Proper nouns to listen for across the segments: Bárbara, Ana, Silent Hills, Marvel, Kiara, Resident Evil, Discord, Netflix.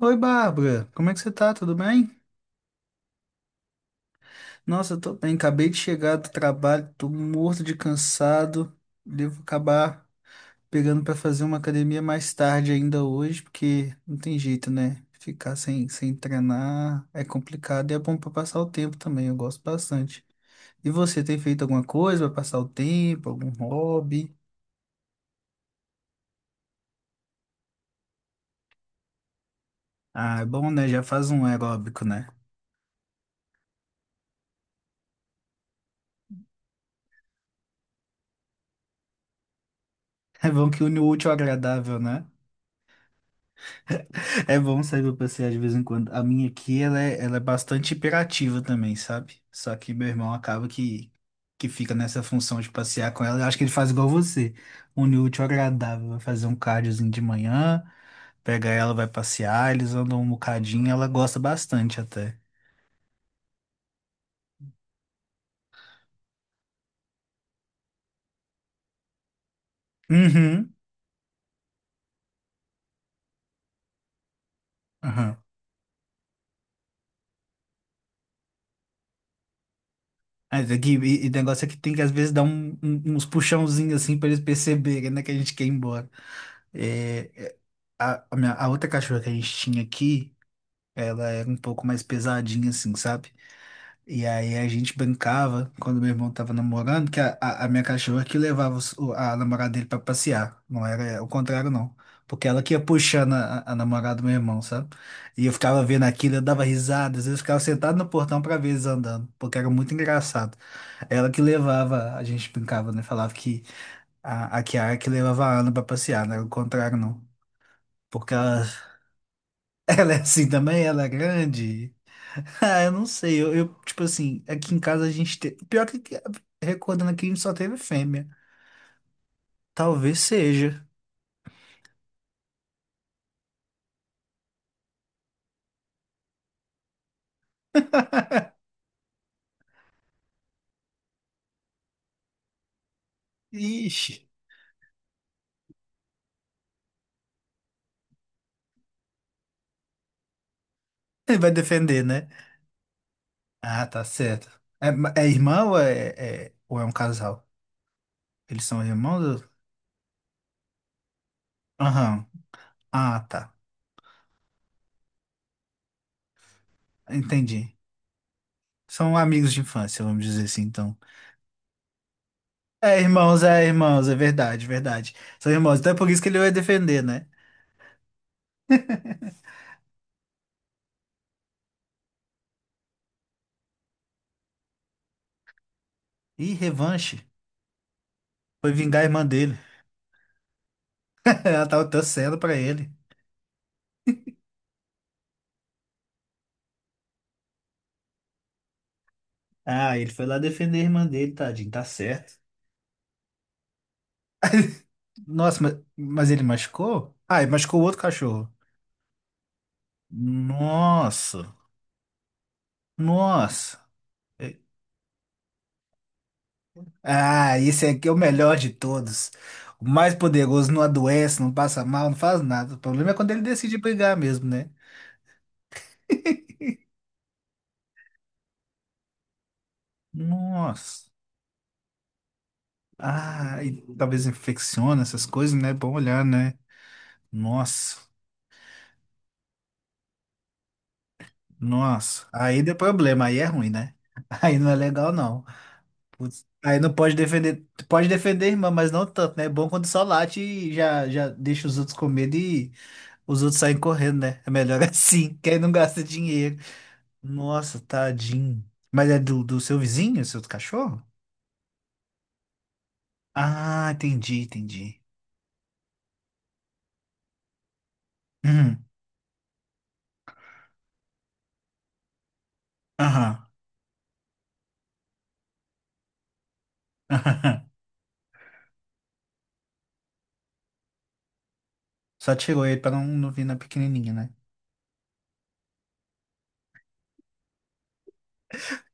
Oi, Bárbara, como é que você tá? Tudo bem? Nossa, eu tô bem, acabei de chegar do trabalho, tô morto de cansado. Devo acabar pegando pra fazer uma academia mais tarde ainda hoje, porque não tem jeito, né? Ficar sem treinar é complicado e é bom pra passar o tempo também, eu gosto bastante. E você tem feito alguma coisa pra passar o tempo, algum hobby? Ah, é bom, né? Já faz um aeróbico, né? É bom que une o útil ao agradável, né? É bom sair pra passear de vez em quando. A minha aqui, ela é bastante hiperativa também, sabe? Só que meu irmão acaba que fica nessa função de passear com ela. Eu acho que ele faz igual você. Une o útil ao agradável. Vai fazer um cardiozinho de manhã, pega ela, vai passear, eles andam um bocadinho, ela gosta bastante até. Uhum, aham. E o negócio é que tem que às vezes dar uns puxãozinhos assim pra eles perceberem, né, que a gente quer ir embora. É, é, a a outra cachorra que a gente tinha aqui. Ela era um pouco mais pesadinha, assim, sabe? E aí a gente brincava, quando meu irmão tava namorando, que a minha cachorra que levava a namorada dele pra passear. Não era o contrário, não. Porque ela que ia puxando a namorada do meu irmão, sabe? E eu ficava vendo aquilo, eu dava risada, às vezes eu ficava sentado no portão pra ver eles andando, porque era muito engraçado. Ela que levava, a gente brincava, né? Falava que a Kiara que levava a Ana pra passear, não era o contrário, não. Porque ela, ela é assim também, ela é grande. Ah, eu não sei. Tipo assim, aqui em casa a gente tem. Recordando aqui, a gente só teve fêmea. Talvez seja. Ixi. Ele vai defender, né? Ah, tá certo. É irmã ou é um casal? Eles são irmãos? Ou- aham. Ah, tá. Entendi. São amigos de infância, vamos dizer assim, então. É, irmãos, é, irmãos, é verdade, verdade. São irmãos. Então é por isso que ele vai defender, né? Ih, revanche. Foi vingar a irmã dele. Ela tava torcendo pra ele. Ah, ele foi lá defender a irmã dele, tadinho, tá certo. Nossa, mas ele machucou? Ah, ele machucou o outro cachorro. Nossa, nossa. É- ah, esse aqui é o melhor de todos. O mais poderoso, não adoece, não passa mal, não faz nada. O problema é quando ele decide brigar mesmo, né? Nossa. Ah, e talvez infecciona essas coisas, né? Bom olhar, né? Nossa, nossa. Nossa. Aí deu problema, aí é ruim, né? Aí não é legal, não. Putz, aí não pode defender, tu pode defender a irmã, mas não tanto, né? É bom quando só late e já deixa os outros com medo e os outros saem correndo, né? É melhor assim, que aí não gasta dinheiro. Nossa, tadinho. Mas é do, do seu vizinho, seu cachorro? Ah, entendi, entendi. Uhum, aham. Só tirou ele pra não vir na pequenininha, né?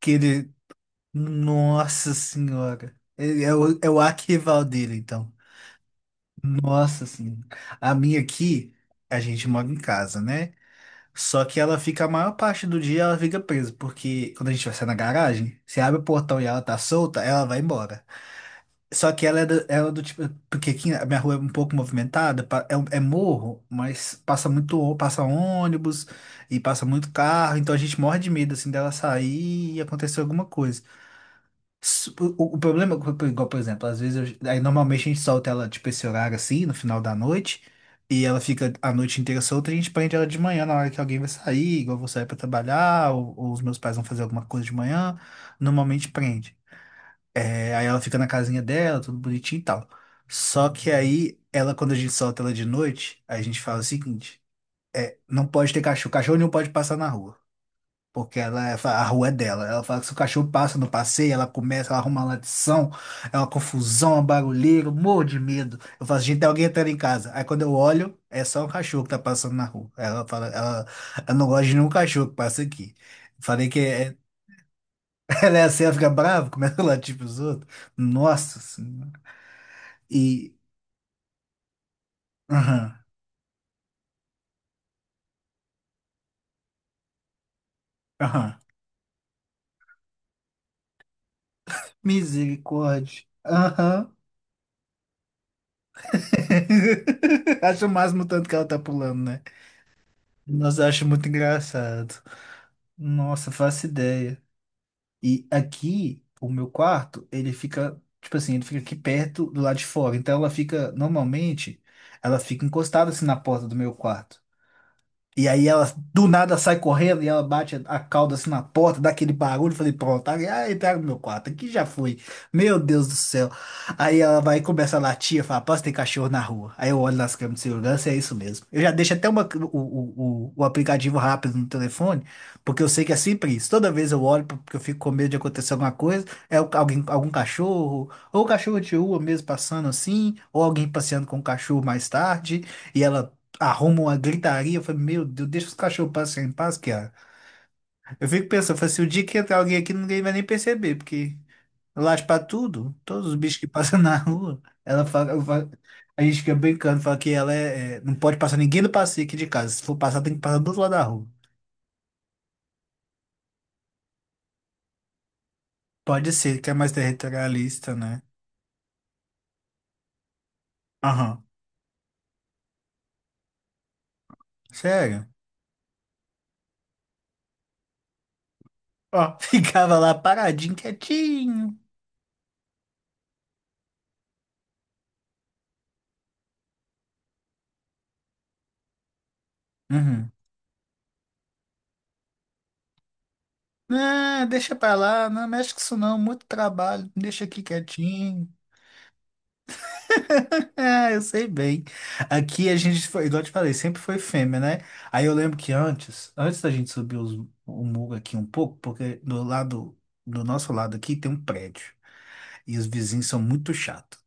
Que ele... Nossa senhora. Ele é é o arquival dele, então. Nossa senhora. A minha aqui, a gente mora em casa, né? Só que ela fica a maior parte do dia, ela fica presa, porque quando a gente vai sair na garagem, você abre o portão e ela tá solta, ela vai embora. Só que ela é do tipo, porque aqui a minha rua é um pouco movimentada, é, é morro, mas passa muito, passa ônibus e passa muito carro, então a gente morre de medo assim dela sair e acontecer alguma coisa. S- o problema, igual, por exemplo, às vezes, aí normalmente a gente solta ela, tipo, esse horário assim, no final da noite, e ela fica a noite inteira solta, e a gente prende ela de manhã, na hora que alguém vai sair, igual eu vou sair pra trabalhar, ou os meus pais vão fazer alguma coisa de manhã, normalmente prende. É, aí ela fica na casinha dela, tudo bonitinho e tal. Só que aí, ela, quando a gente solta ela de noite, a gente fala o seguinte, não pode ter cachorro, cachorro não pode passar na rua. Porque a rua é dela. Ela fala que se o cachorro passa no passeio, ela começa, ela arruma uma latição, é uma confusão, uma barulheira, eu morro de medo. Eu falo, gente, tem alguém entrando em casa. Aí quando eu olho, é só um cachorro que tá passando na rua. Ela fala, ela não gosta de nenhum cachorro que passa aqui. Falei que é- Ela é assim, ela fica brava, começa a latir pros outros. Nossa Senhora. E. Aham, aham. Misericórdia. Aham. Acho o máximo o tanto que ela tá pulando, né? Nossa, eu acho muito engraçado. Nossa, faço ideia. E aqui, o meu quarto, ele fica, tipo assim, ele fica aqui perto do lado de fora. Então ela fica, normalmente, ela fica encostada assim na porta do meu quarto. E aí ela do nada sai correndo e ela bate a cauda assim na porta, dá aquele barulho. Eu falei, pronto, aí entraram no meu quarto, aqui já foi. Meu Deus do céu. Aí ela vai e começa a latir, fala, posso ter cachorro na rua. Aí eu olho nas câmeras de segurança e é isso mesmo. Eu já deixo até uma, o aplicativo rápido no telefone, porque eu sei que é sempre isso. Toda vez eu olho, porque eu fico com medo de acontecer alguma coisa, é alguém, algum cachorro, ou cachorro de rua mesmo passando assim, ou alguém passeando com o cachorro mais tarde. E ela arruma uma gritaria. Eu falei, meu Deus, deixa os cachorros passarem em paz, cara. Eu fico pensando, eu falei, se o dia que entrar alguém aqui, ninguém vai nem perceber, porque late pra tudo, todos os bichos que passam na rua, a gente fica brincando, fala que ela não pode passar ninguém do passeio aqui de casa. Se for passar, tem que passar do outro lado da rua. Pode ser, que é mais territorialista, né? Aham. Sério? Ó, ficava lá paradinho, quietinho. Uhum. Não, deixa pra lá, não mexe com isso não, muito trabalho, deixa aqui quietinho. É, eu sei bem. Aqui a gente foi, igual eu te falei, sempre foi fêmea, né? Aí eu lembro que antes da gente subir o muro aqui um pouco, porque do lado, do nosso lado aqui tem um prédio e os vizinhos são muito chatos.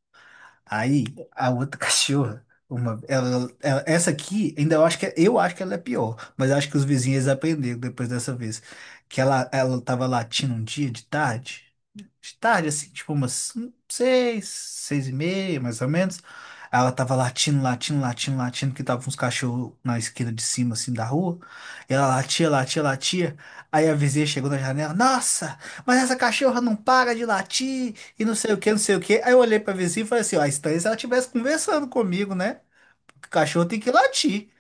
Aí a outra cachorra, uma, essa aqui, ainda eu acho que é, eu acho que ela é pior, mas eu acho que os vizinhos aprenderam depois dessa vez que ela tava latindo um dia de tarde, assim, tipo umas 6h30, mais ou menos. Aí ela tava latindo, latindo, latindo, latindo, que tava uns cachorros na esquina de cima, assim, da rua. E ela latia, latia, latia. Aí a vizinha chegou na janela, nossa, mas essa cachorra não para de latir, e não sei o que, não sei o que. Aí eu olhei pra vizinha e falei assim, ó, a estranha se ela estivesse conversando comigo, né? Porque o cachorro tem que latir.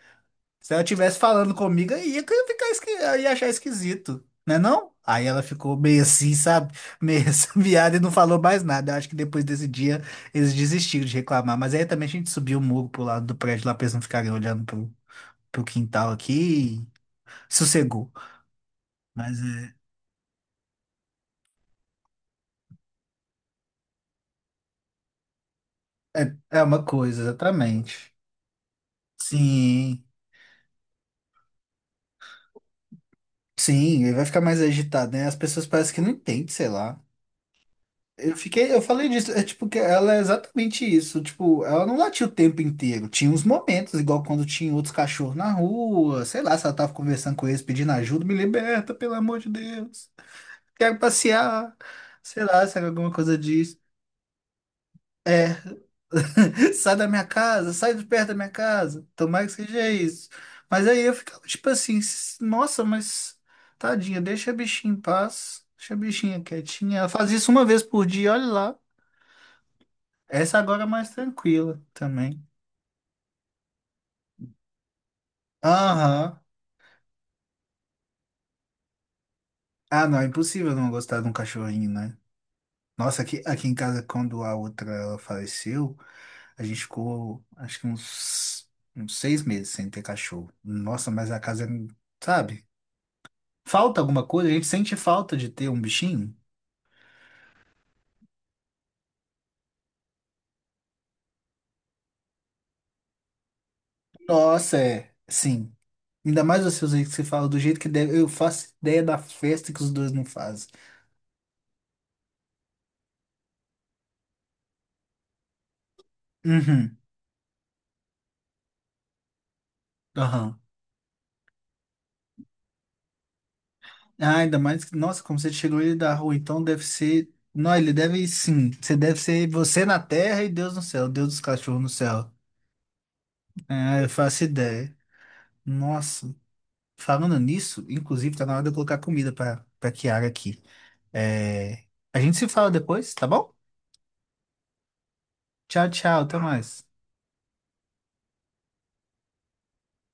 Se ela estivesse falando comigo, aí ia ficar esqui... eu ia achar esquisito, né não? Aí ela ficou meio assim, sabe? Meio essa e não falou mais nada. Eu acho que depois desse dia eles desistiram de reclamar. Mas aí também a gente subiu o muro pro lado do prédio lá pra eles não ficarem olhando pro, pro quintal aqui e sossegou. Mas é, é, é uma coisa, exatamente. Sim, sim, ele vai ficar mais agitado, né? As pessoas parecem que não entendem, sei lá. Eu fiquei, eu falei disso, é tipo que ela é exatamente isso, tipo, ela não latia o tempo inteiro. Tinha uns momentos, igual quando tinha outros cachorros na rua, sei lá, se ela tava conversando com eles pedindo ajuda, me liberta, pelo amor de Deus. Quero passear. Sei lá, se era alguma coisa disso. É, sai da minha casa, sai de perto da minha casa. Tomara que seja isso. Mas aí eu ficava tipo assim, nossa, mas tadinha, deixa a bichinha em paz, deixa a bichinha quietinha. Ela faz isso uma vez por dia, olha lá. Essa agora é mais tranquila também. Aham. Ah, não, é impossível não gostar de um cachorrinho, né? Nossa, aqui, aqui em casa, quando a outra ela faleceu, a gente ficou, acho que uns, uns 6 meses sem ter cachorro. Nossa, mas a casa, sabe? Falta alguma coisa, a gente sente falta de ter um bichinho. Nossa, é, sim. Ainda mais vocês aí que você fala do jeito que deve, eu faço ideia da festa que os dois não fazem. Uhum. Aham. Ah, ainda mais que, nossa, como você tirou ele da rua, então deve ser. Não, ele deve sim. Você deve ser você na terra e Deus no céu, Deus dos cachorros no céu. Ah, eu faço ideia. Nossa, falando nisso, inclusive tá na hora de eu colocar comida pra Kiara aqui. É... A gente se fala depois, tá bom? Tchau, tchau, até mais.